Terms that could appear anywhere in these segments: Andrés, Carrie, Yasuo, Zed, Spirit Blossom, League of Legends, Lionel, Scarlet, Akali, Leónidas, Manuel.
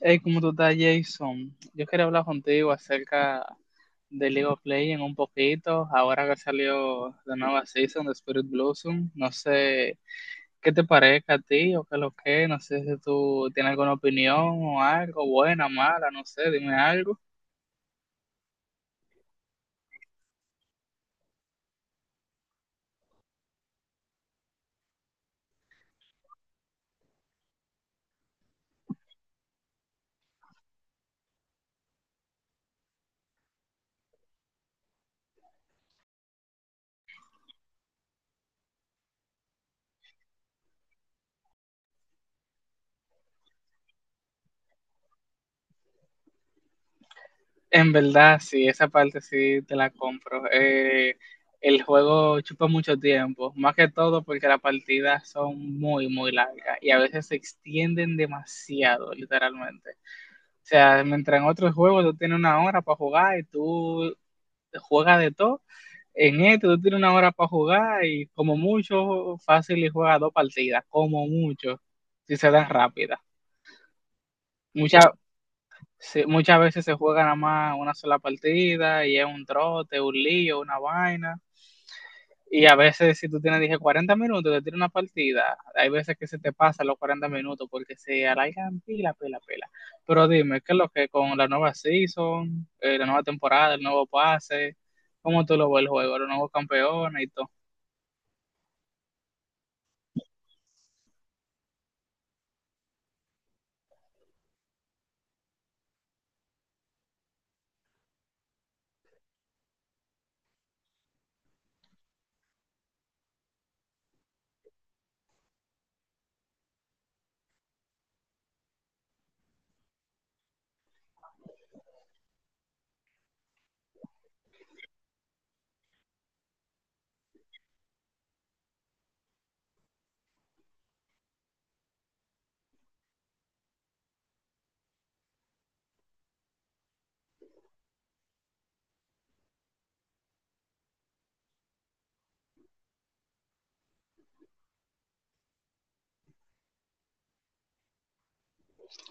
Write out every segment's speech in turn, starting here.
Hey, ¿cómo tú estás, Jason? Yo quería hablar contigo acerca de League of Legends un poquito, ahora que salió la nueva season de Spirit Blossom. No sé qué te parezca a ti o qué es lo que, no sé si tú tienes alguna opinión o algo, buena, mala, no sé, dime algo. En verdad, sí, esa parte sí te la compro. El juego chupa mucho tiempo, más que todo porque las partidas son muy, muy largas y a veces se extienden demasiado, literalmente. O sea, mientras en otros juegos tú tienes una hora para jugar y tú juegas de todo, en este tú tienes una hora para jugar y como mucho, fácil y juegas dos partidas, como mucho, si se dan rápidas. Muchas, Muchas veces se juega nada más una sola partida y es un trote, un lío, una vaina. Y a veces, si tú tienes, dije, 40 minutos, te tira una partida. Hay veces que se te pasan los 40 minutos porque se alargan pila, pila, pila. Pero dime, ¿qué es lo que con la nueva season, la nueva temporada, el nuevo pase? ¿Cómo tú lo ves el juego? ¿Los nuevos campeones y todo?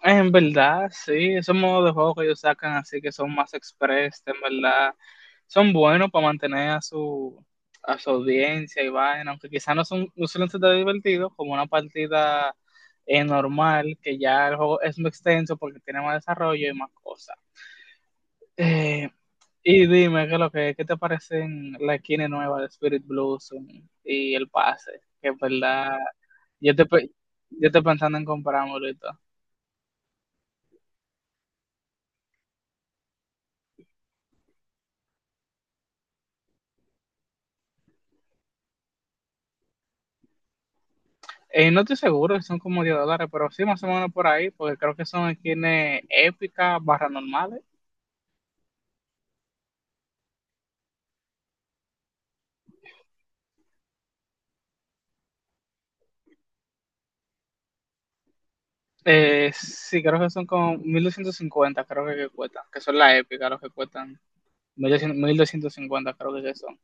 En verdad, sí, esos modos de juego que ellos sacan así que son más express, en verdad, son buenos para mantener a a su audiencia y vaina, aunque quizás no suelen ser tan divertidos como una partida normal, que ya el juego es muy extenso porque tiene más desarrollo y más cosas. Eh, y dime, ¿qué, es lo que, qué te parecen la esquina nueva de Spirit Blossom y el pase? Que en verdad, yo te, pe- yo estoy pensando en comprármelo y todo. No estoy seguro, si son como $10, pero sí, más o menos por ahí, porque creo que son esquinas épicas, barra normales. Sí, creo que son como 1250 creo que cuestan, que son las épicas, los que cuestan 1250 creo que son.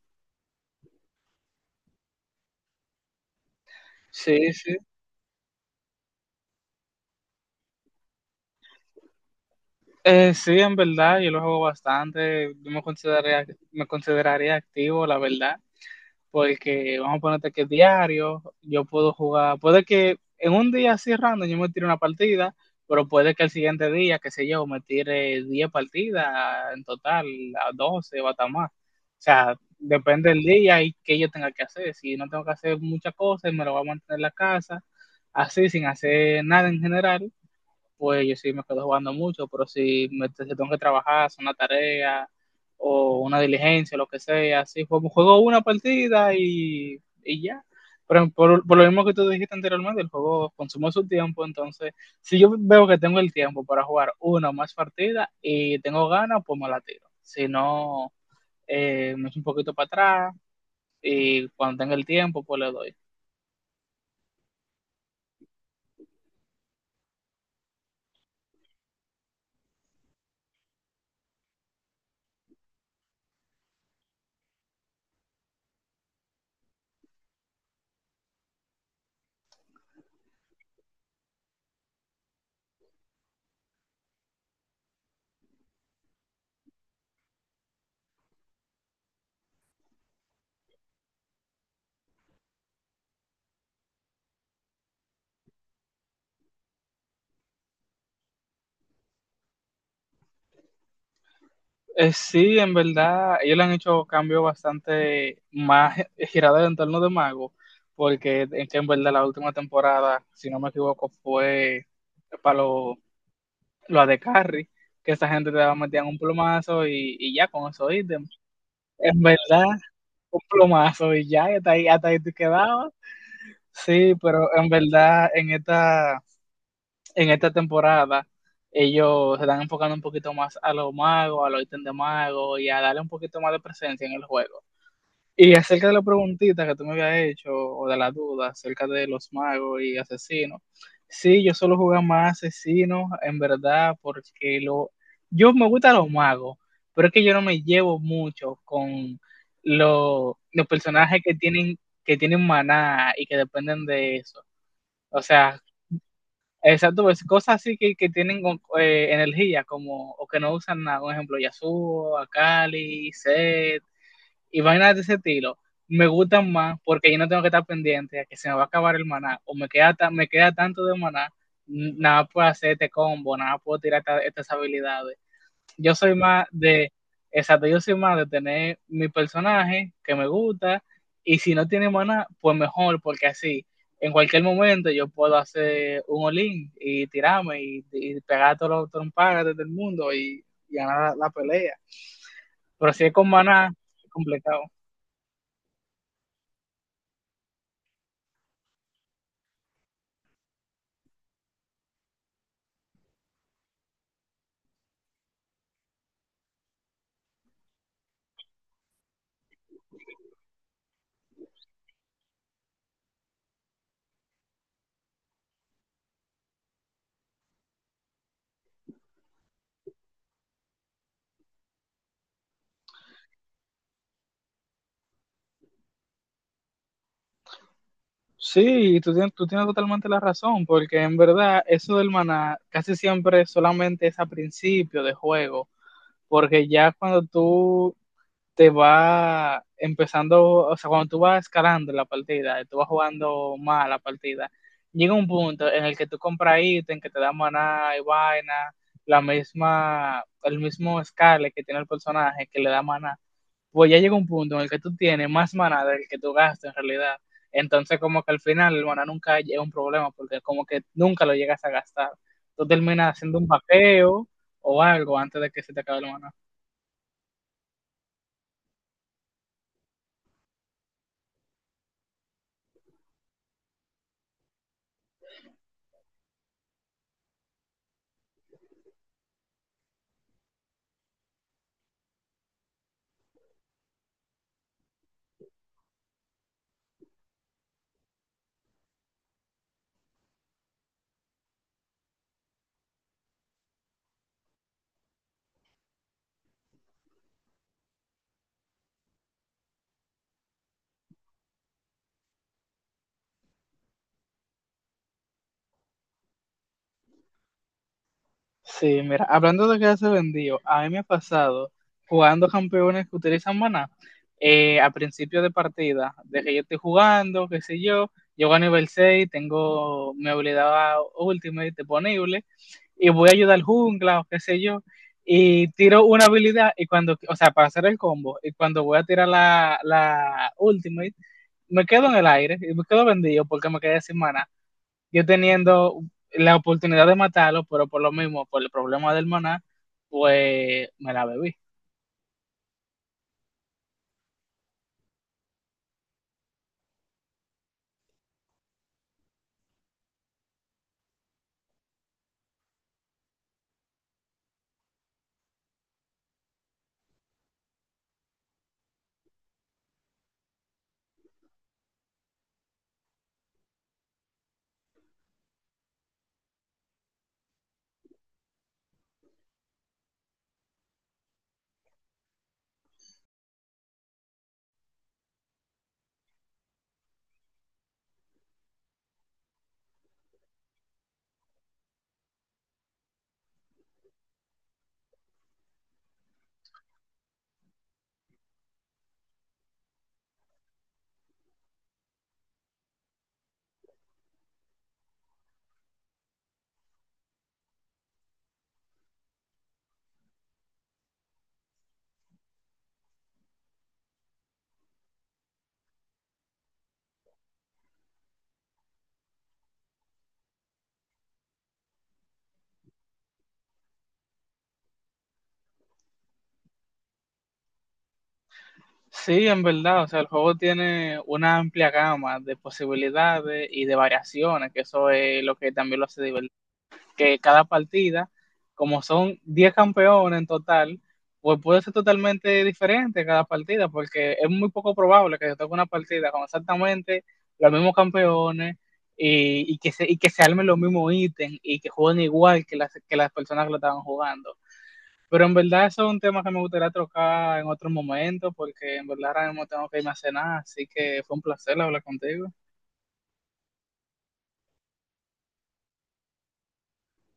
Sí, sí. Sí, en verdad, yo lo juego bastante, me consideraría activo, la verdad. Porque vamos a ponerte que diario, yo puedo jugar, puede que en un día así random yo me tire una partida, pero puede que el siguiente día, qué sé yo, me tire 10 partidas en total, a 12 o hasta más. O sea, depende del día y qué yo tenga que hacer. Si no tengo que hacer muchas cosas, me lo voy a mantener en la casa, así, sin hacer nada en general, pues yo sí me quedo jugando mucho, pero si tengo que trabajar, hacer una tarea o una diligencia, lo que sea, sí, juego una partida y ya. Pero por lo mismo que tú dijiste anteriormente, el juego consume su tiempo, entonces si yo veo que tengo el tiempo para jugar una o más partidas y tengo ganas, pues me la tiro. Si no, me echo un poquito para atrás y cuando tenga el tiempo, pues le doy. Sí, en verdad, ellos le han hecho cambios bastante más girados en torno de Mago, porque en verdad la última temporada, si no me equivoco, fue para los lo de Carrie, que esa gente te metían un plomazo y ya con eso ítem. En verdad, un plomazo y ya, y hasta ahí te quedabas. Sí, pero en verdad, en esta temporada ellos se están enfocando un poquito más a los magos, a los ítems de magos y a darle un poquito más de presencia en el juego. Y acerca de la preguntita que tú me habías hecho, o de la duda acerca de los magos y asesinos, sí, yo solo jugaba más asesinos, en verdad, yo me gustan los magos, pero es que yo no me llevo mucho con los personajes que tienen maná y que dependen de eso. O sea, exacto, pues cosas así que, que tienen energía, como, o que no usan nada, por ejemplo, Yasuo, Akali, Zed, y vainas de ese estilo, me gustan más porque yo no tengo que estar pendiente a que se me va a acabar el maná, o me queda tanto de maná, nada puedo hacer este combo, nada puedo tirar estas habilidades. Yo soy más de, Exacto, yo soy más de tener mi personaje que me gusta y si no tiene maná, pues mejor, porque así en cualquier momento yo puedo hacer un olín y tirarme y pegar a todos los trompagas del mundo y ganar la pelea. Pero si es con maná, es complicado. Sí, tú tienes totalmente la razón, porque en verdad eso del maná casi siempre solamente es a principio de juego, porque ya cuando tú te va empezando, o sea, cuando tú vas escalando la partida, tú vas jugando más la partida, llega un punto en el que tú compras ítem que te da maná y vaina, el mismo Scarlet que tiene el personaje que le da maná, pues ya llega un punto en el que tú tienes más maná del que tú gastas en realidad. Entonces como que al final el maná nunca es un problema porque como que nunca lo llegas a gastar. Tú terminas haciendo un vaqueo o algo antes de que se te acabe el maná. Sí, mira, hablando de quedarse vendido, a mí me ha pasado jugando campeones que utilizan maná. A principio de partida, de que yo estoy jugando, qué sé yo, llego a nivel 6, tengo mi habilidad Ultimate disponible y voy a ayudar al jungla o qué sé yo, y tiro una habilidad y cuando, o sea, para hacer el combo, y cuando voy a tirar la Ultimate, me quedo en el aire y me quedo vendido porque me quedé sin maná yo teniendo la oportunidad de matarlo, pero por lo mismo, por el problema del maná, pues me la bebí. Sí, en verdad, o sea, el juego tiene una amplia gama de posibilidades y de variaciones, que eso es lo que también lo hace divertido. Que cada partida, como son 10 campeones en total, pues puede ser totalmente diferente cada partida, porque es muy poco probable que se toque una partida con exactamente los mismos campeones y que se armen los mismos ítems y que jueguen igual que que las personas que lo estaban jugando. Pero en verdad eso es un tema que me gustaría tocar en otro momento, porque en verdad ahora mismo tengo que irme a cenar, así que fue un placer hablar contigo.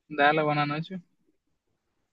Dale, buenas noches.